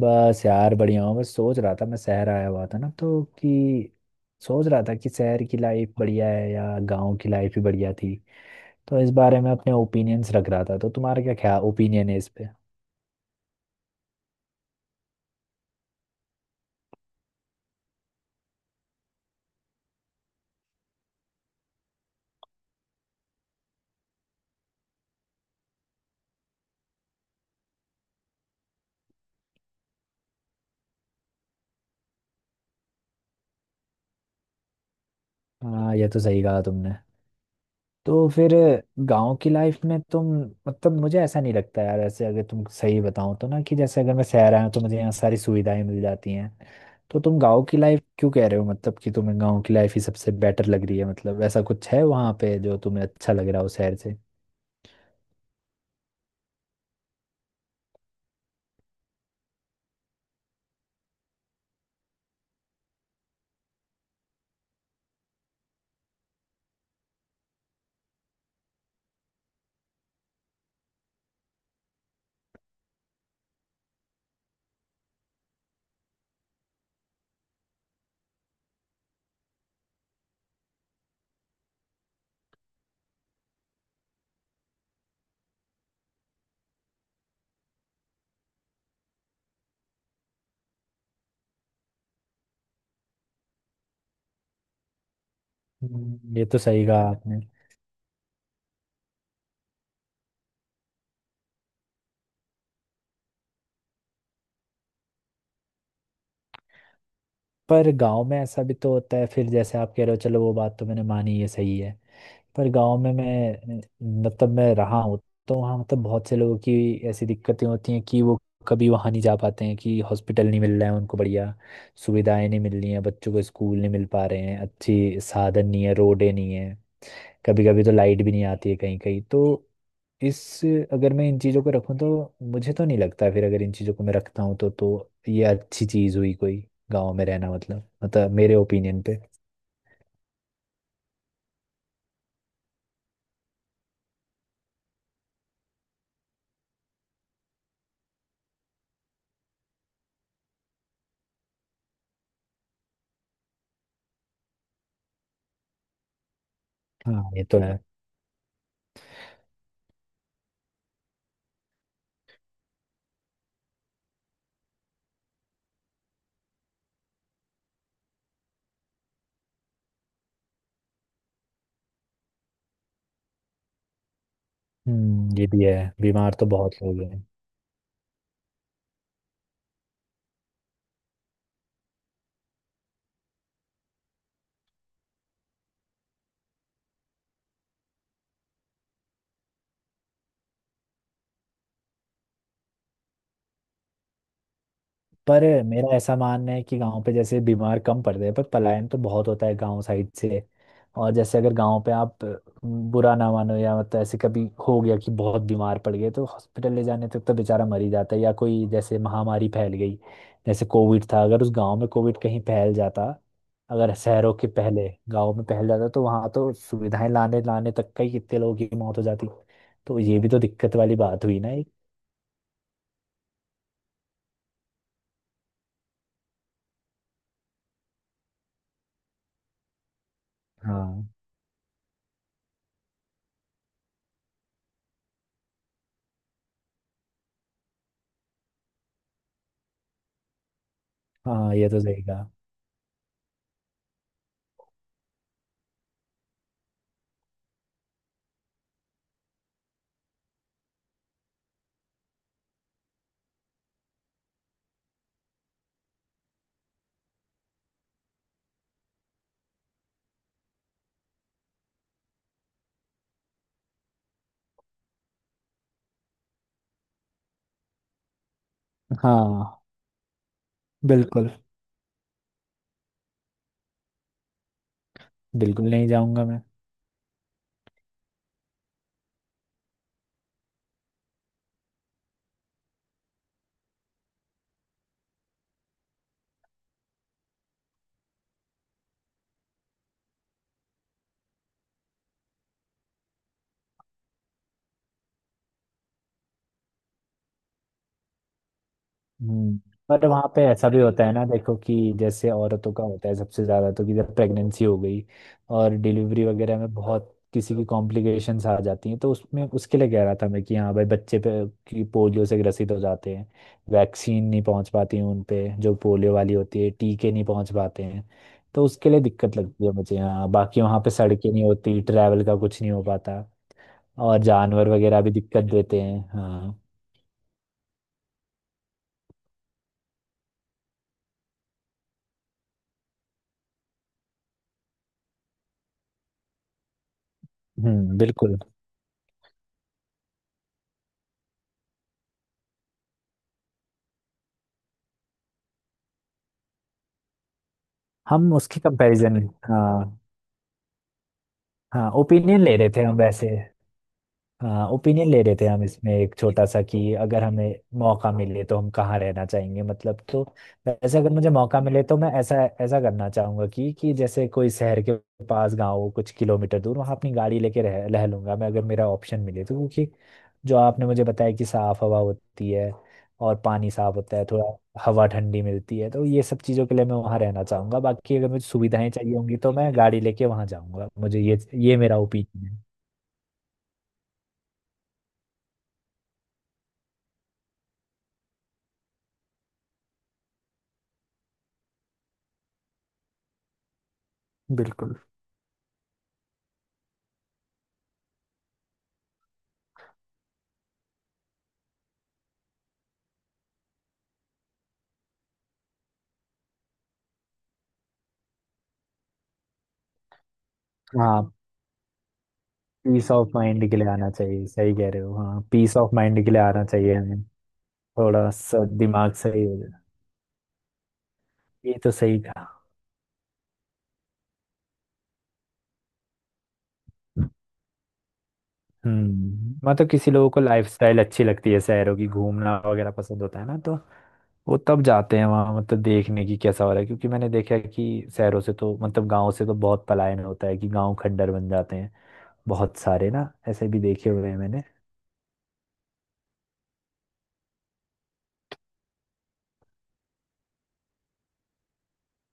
बस यार, बढ़िया हूँ। बस सोच रहा था, मैं शहर आया हुआ था ना तो कि सोच रहा था कि शहर की लाइफ बढ़िया है या गांव की लाइफ ही बढ़िया थी, तो इस बारे में अपने ओपिनियंस रख रहा था। तो तुम्हारा क्या क्या ओपिनियन है इस पे? हाँ, ये तो सही कहा तुमने। तो फिर गांव की लाइफ में तुम, मतलब मुझे ऐसा नहीं लगता यार, ऐसे अगर तुम सही बताओ तो ना, कि जैसे अगर मैं शहर आया हूँ तो मुझे यहाँ सारी सुविधाएं मिल जाती हैं। तो तुम गांव की लाइफ क्यों कह रहे हो? मतलब कि तुम्हें गांव की लाइफ ही सबसे बेटर लग रही है, मतलब ऐसा कुछ है वहां पे जो तुम्हें अच्छा लग रहा हो शहर से? ये तो सही कहा आपने। पर गांव में ऐसा भी तो होता है फिर, जैसे आप कह रहे हो, चलो वो बात तो मैंने मानी, ये सही है, पर गांव में मैं, मतलब मैं रहा हूँ तो वहाँ, मतलब बहुत से लोगों की ऐसी दिक्कतें होती हैं कि वो कभी वहाँ नहीं जा पाते हैं, कि हॉस्पिटल नहीं मिल रहा है उनको, बढ़िया सुविधाएं नहीं मिल रही हैं, बच्चों को स्कूल नहीं मिल पा रहे हैं, अच्छी साधन नहीं है, रोडें नहीं है, कभी कभी तो लाइट भी नहीं आती है कहीं कहीं तो। इस अगर मैं इन चीज़ों को रखूं तो मुझे तो नहीं लगता फिर, अगर इन चीज़ों को मैं रखता हूँ तो ये अच्छी चीज़ हुई कोई, गांव में रहना, मतलब मेरे ओपिनियन पे। हाँ, ये तो है। हम्म, ये भी है। बीमार तो बहुत लोग हैं। पर मेरा ऐसा मानना है कि गांव पे जैसे बीमार कम पड़ते हैं, पर पलायन तो बहुत होता है गांव साइड से। और जैसे अगर गांव पे आप, बुरा ना मानो या मतलब ऐसे कभी हो गया कि बहुत बीमार पड़ गए, तो हॉस्पिटल ले जाने तक तो बेचारा मर ही जाता है, या कोई जैसे महामारी फैल गई, जैसे कोविड था। अगर उस गांव में कोविड कहीं फैल जाता, अगर शहरों के पहले गांव में फैल जाता, तो वहां तो सुविधाएं लाने लाने तक का ही कितने लोगों की मौत हो जाती। तो ये भी तो दिक्कत वाली बात हुई ना एक। हाँ। हाँ, ये तो सही कहा। हाँ, बिल्कुल। बिल्कुल नहीं जाऊंगा मैं। हम्म। पर वहाँ पे ऐसा भी होता है ना, देखो कि जैसे औरतों का होता है सबसे ज़्यादा, तो कि जब प्रेगनेंसी हो गई और डिलीवरी वगैरह में बहुत किसी की कॉम्प्लिकेशंस आ जाती हैं, तो उसमें, उसके लिए कह रहा था मैं, कि हाँ भाई, बच्चे पे कि पोलियो से ग्रसित हो जाते हैं, वैक्सीन नहीं पहुँच पाती हैं उन पे, जो पोलियो वाली होती है टीके नहीं पहुँच पाते हैं। तो उसके लिए दिक्कत लगती है मुझे, हाँ। बाकी वहाँ पे सड़कें नहीं होती, ट्रैवल का कुछ नहीं हो पाता, और जानवर वगैरह भी दिक्कत देते हैं, हाँ। हम्म, बिल्कुल। हम उसकी कंपैरिजन, हाँ। हाँ, ओपिनियन ले रहे थे हम वैसे। हाँ, ओपिनियन ले रहे थे हम, इसमें एक छोटा सा कि अगर हमें मौका मिले तो हम कहाँ रहना चाहेंगे, मतलब। तो वैसे अगर मुझे मौका मिले तो मैं ऐसा, करना चाहूंगा कि जैसे कोई शहर के पास गाँव हो, कुछ किलोमीटर दूर, वहाँ अपनी गाड़ी लेके रह रह लूंगा मैं, अगर मेरा ऑप्शन मिले तो। क्योंकि जो आपने मुझे बताया कि साफ हवा होती है और पानी साफ होता है थोड़ा, हवा ठंडी मिलती है, तो ये सब चीज़ों के लिए मैं वहाँ रहना चाहूंगा। बाकी अगर मुझे सुविधाएं चाहिए होंगी तो मैं गाड़ी लेके वहाँ जाऊंगा, मुझे ये मेरा ओपिनियन है। बिल्कुल। हाँ, पीस ऑफ माइंड के लिए आना चाहिए, सही कह रहे हो, हाँ, पीस ऑफ माइंड के लिए आना चाहिए हमें, थोड़ा सा दिमाग सही हो जाए। ये तो सही कहा। मतलब किसी लोगों को लाइफस्टाइल अच्छी लगती है शहरों की, घूमना वगैरह पसंद होता है ना, तो वो तब जाते हैं वहाँ, मतलब देखने की कैसा हो रहा है, क्योंकि मैंने देखा है कि शहरों से तो, मतलब गाँव से तो बहुत पलायन होता है, कि गाँव खंडर बन जाते हैं बहुत सारे ना, ऐसे भी देखे हुए हैं मैंने।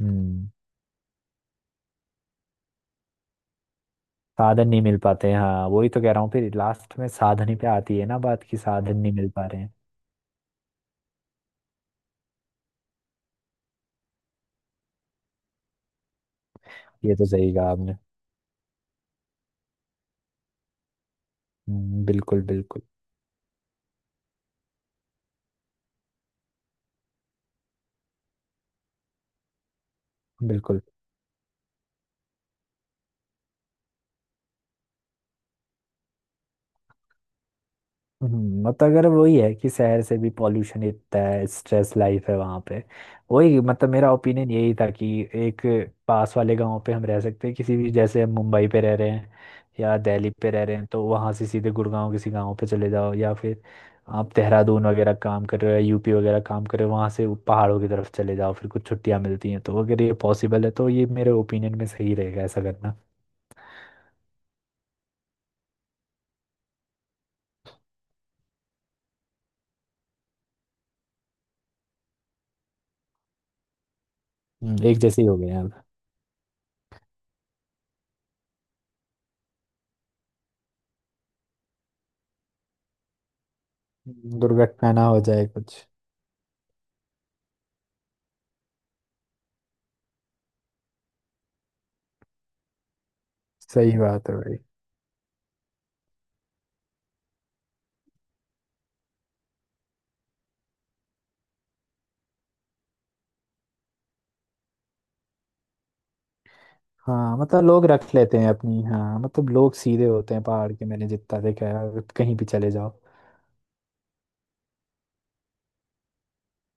हम्म साधन नहीं मिल पाते हैं, हाँ, वही तो कह रहा हूँ, फिर लास्ट में साधन ही पे आती है ना बात, की साधन नहीं मिल पा रहे हैं। ये तो सही कहा आपने। बिल्कुल बिल्कुल बिल्कुल। मतलब अगर वही है कि शहर से भी पॉल्यूशन इतना है, स्ट्रेस लाइफ है वहाँ पे, वही, मतलब मेरा ओपिनियन यही था कि एक पास वाले गांव पे हम रह सकते हैं, किसी भी, जैसे हम मुंबई पे रह रहे हैं या दिल्ली पे रह रहे हैं तो वहाँ से सीधे गुड़गांव किसी गांव पे चले जाओ, या फिर आप देहरादून वगैरह काम कर रहे हो या यूपी वगैरह काम कर रहे हो, वहाँ से वो पहाड़ों की तरफ चले जाओ, फिर कुछ छुट्टियाँ मिलती हैं तो। अगर ये पॉसिबल है तो ये मेरे ओपिनियन में सही रहेगा ऐसा करना। एक जैसे ही हो गए हैं। दुर्घटना ना हो जाए कुछ। सही बात है भाई। हाँ, मतलब लोग रख लेते हैं अपनी, हाँ, मतलब लोग सीधे होते हैं पहाड़ के, मैंने जितना देखा है अगर कहीं भी चले जाओ।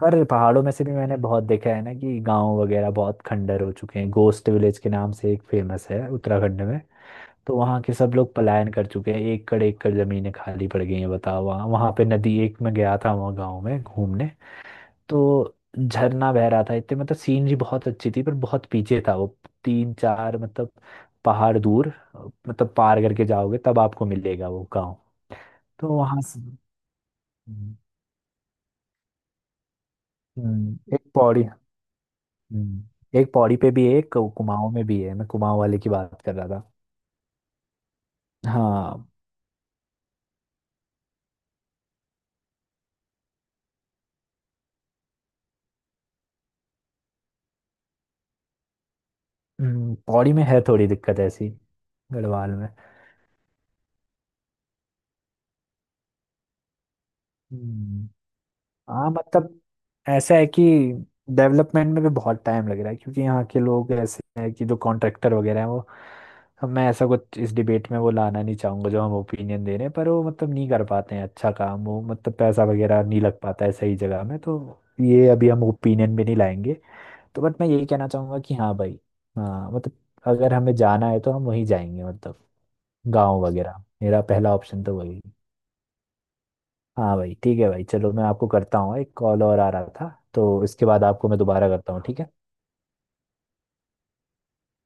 पर पहाड़ों में से भी मैंने बहुत देखा है ना कि गांव वगैरह बहुत खंडर हो चुके हैं, गोस्ट विलेज के नाम से एक फेमस है उत्तराखंड में। तो वहाँ के सब लोग पलायन कर चुके हैं, एकड़ एकड़ जमीनें खाली पड़ गई हैं, बताओ, वहाँ वहाँ पे नदी, एक में गया था वहाँ गाँव में घूमने, तो झरना बह रहा था, इतने, मतलब सीनरी बहुत अच्छी थी, पर बहुत पीछे था वो, तीन चार, मतलब पहाड़ दूर, मतलब पार करके जाओगे तब आपको मिलेगा वो गांव। तो वहां से। हम्म, एक पौड़ी, एक पौड़ी पे भी है, एक कुमाऊं में भी है, मैं कुमाऊं वाले की बात कर रहा था। हाँ। पौड़ी में है थोड़ी दिक्कत ऐसी, गढ़वाल में। हम्म। हाँ, मतलब ऐसा है कि डेवलपमेंट में भी बहुत टाइम लग रहा है, क्योंकि यहाँ के लोग ऐसे हैं कि जो कॉन्ट्रैक्टर वगैरह हैं वो, अब मैं ऐसा कुछ इस डिबेट में वो लाना नहीं चाहूंगा जो हम ओपिनियन दे रहे हैं, पर वो मतलब नहीं कर पाते हैं अच्छा काम, वो मतलब पैसा वगैरह नहीं लग पाता है सही जगह में तो। ये अभी हम ओपिनियन भी नहीं लाएंगे। तो बट मैं यही कहना चाहूंगा कि हाँ भाई, हाँ, मतलब अगर हमें जाना है तो हम वहीं जाएंगे, मतलब गाँव वगैरह मेरा पहला ऑप्शन तो वही। हाँ भाई, ठीक है भाई, चलो, मैं आपको करता हूँ, एक कॉल और आ रहा था, तो इसके बाद आपको मैं दोबारा करता हूँ, ठीक है।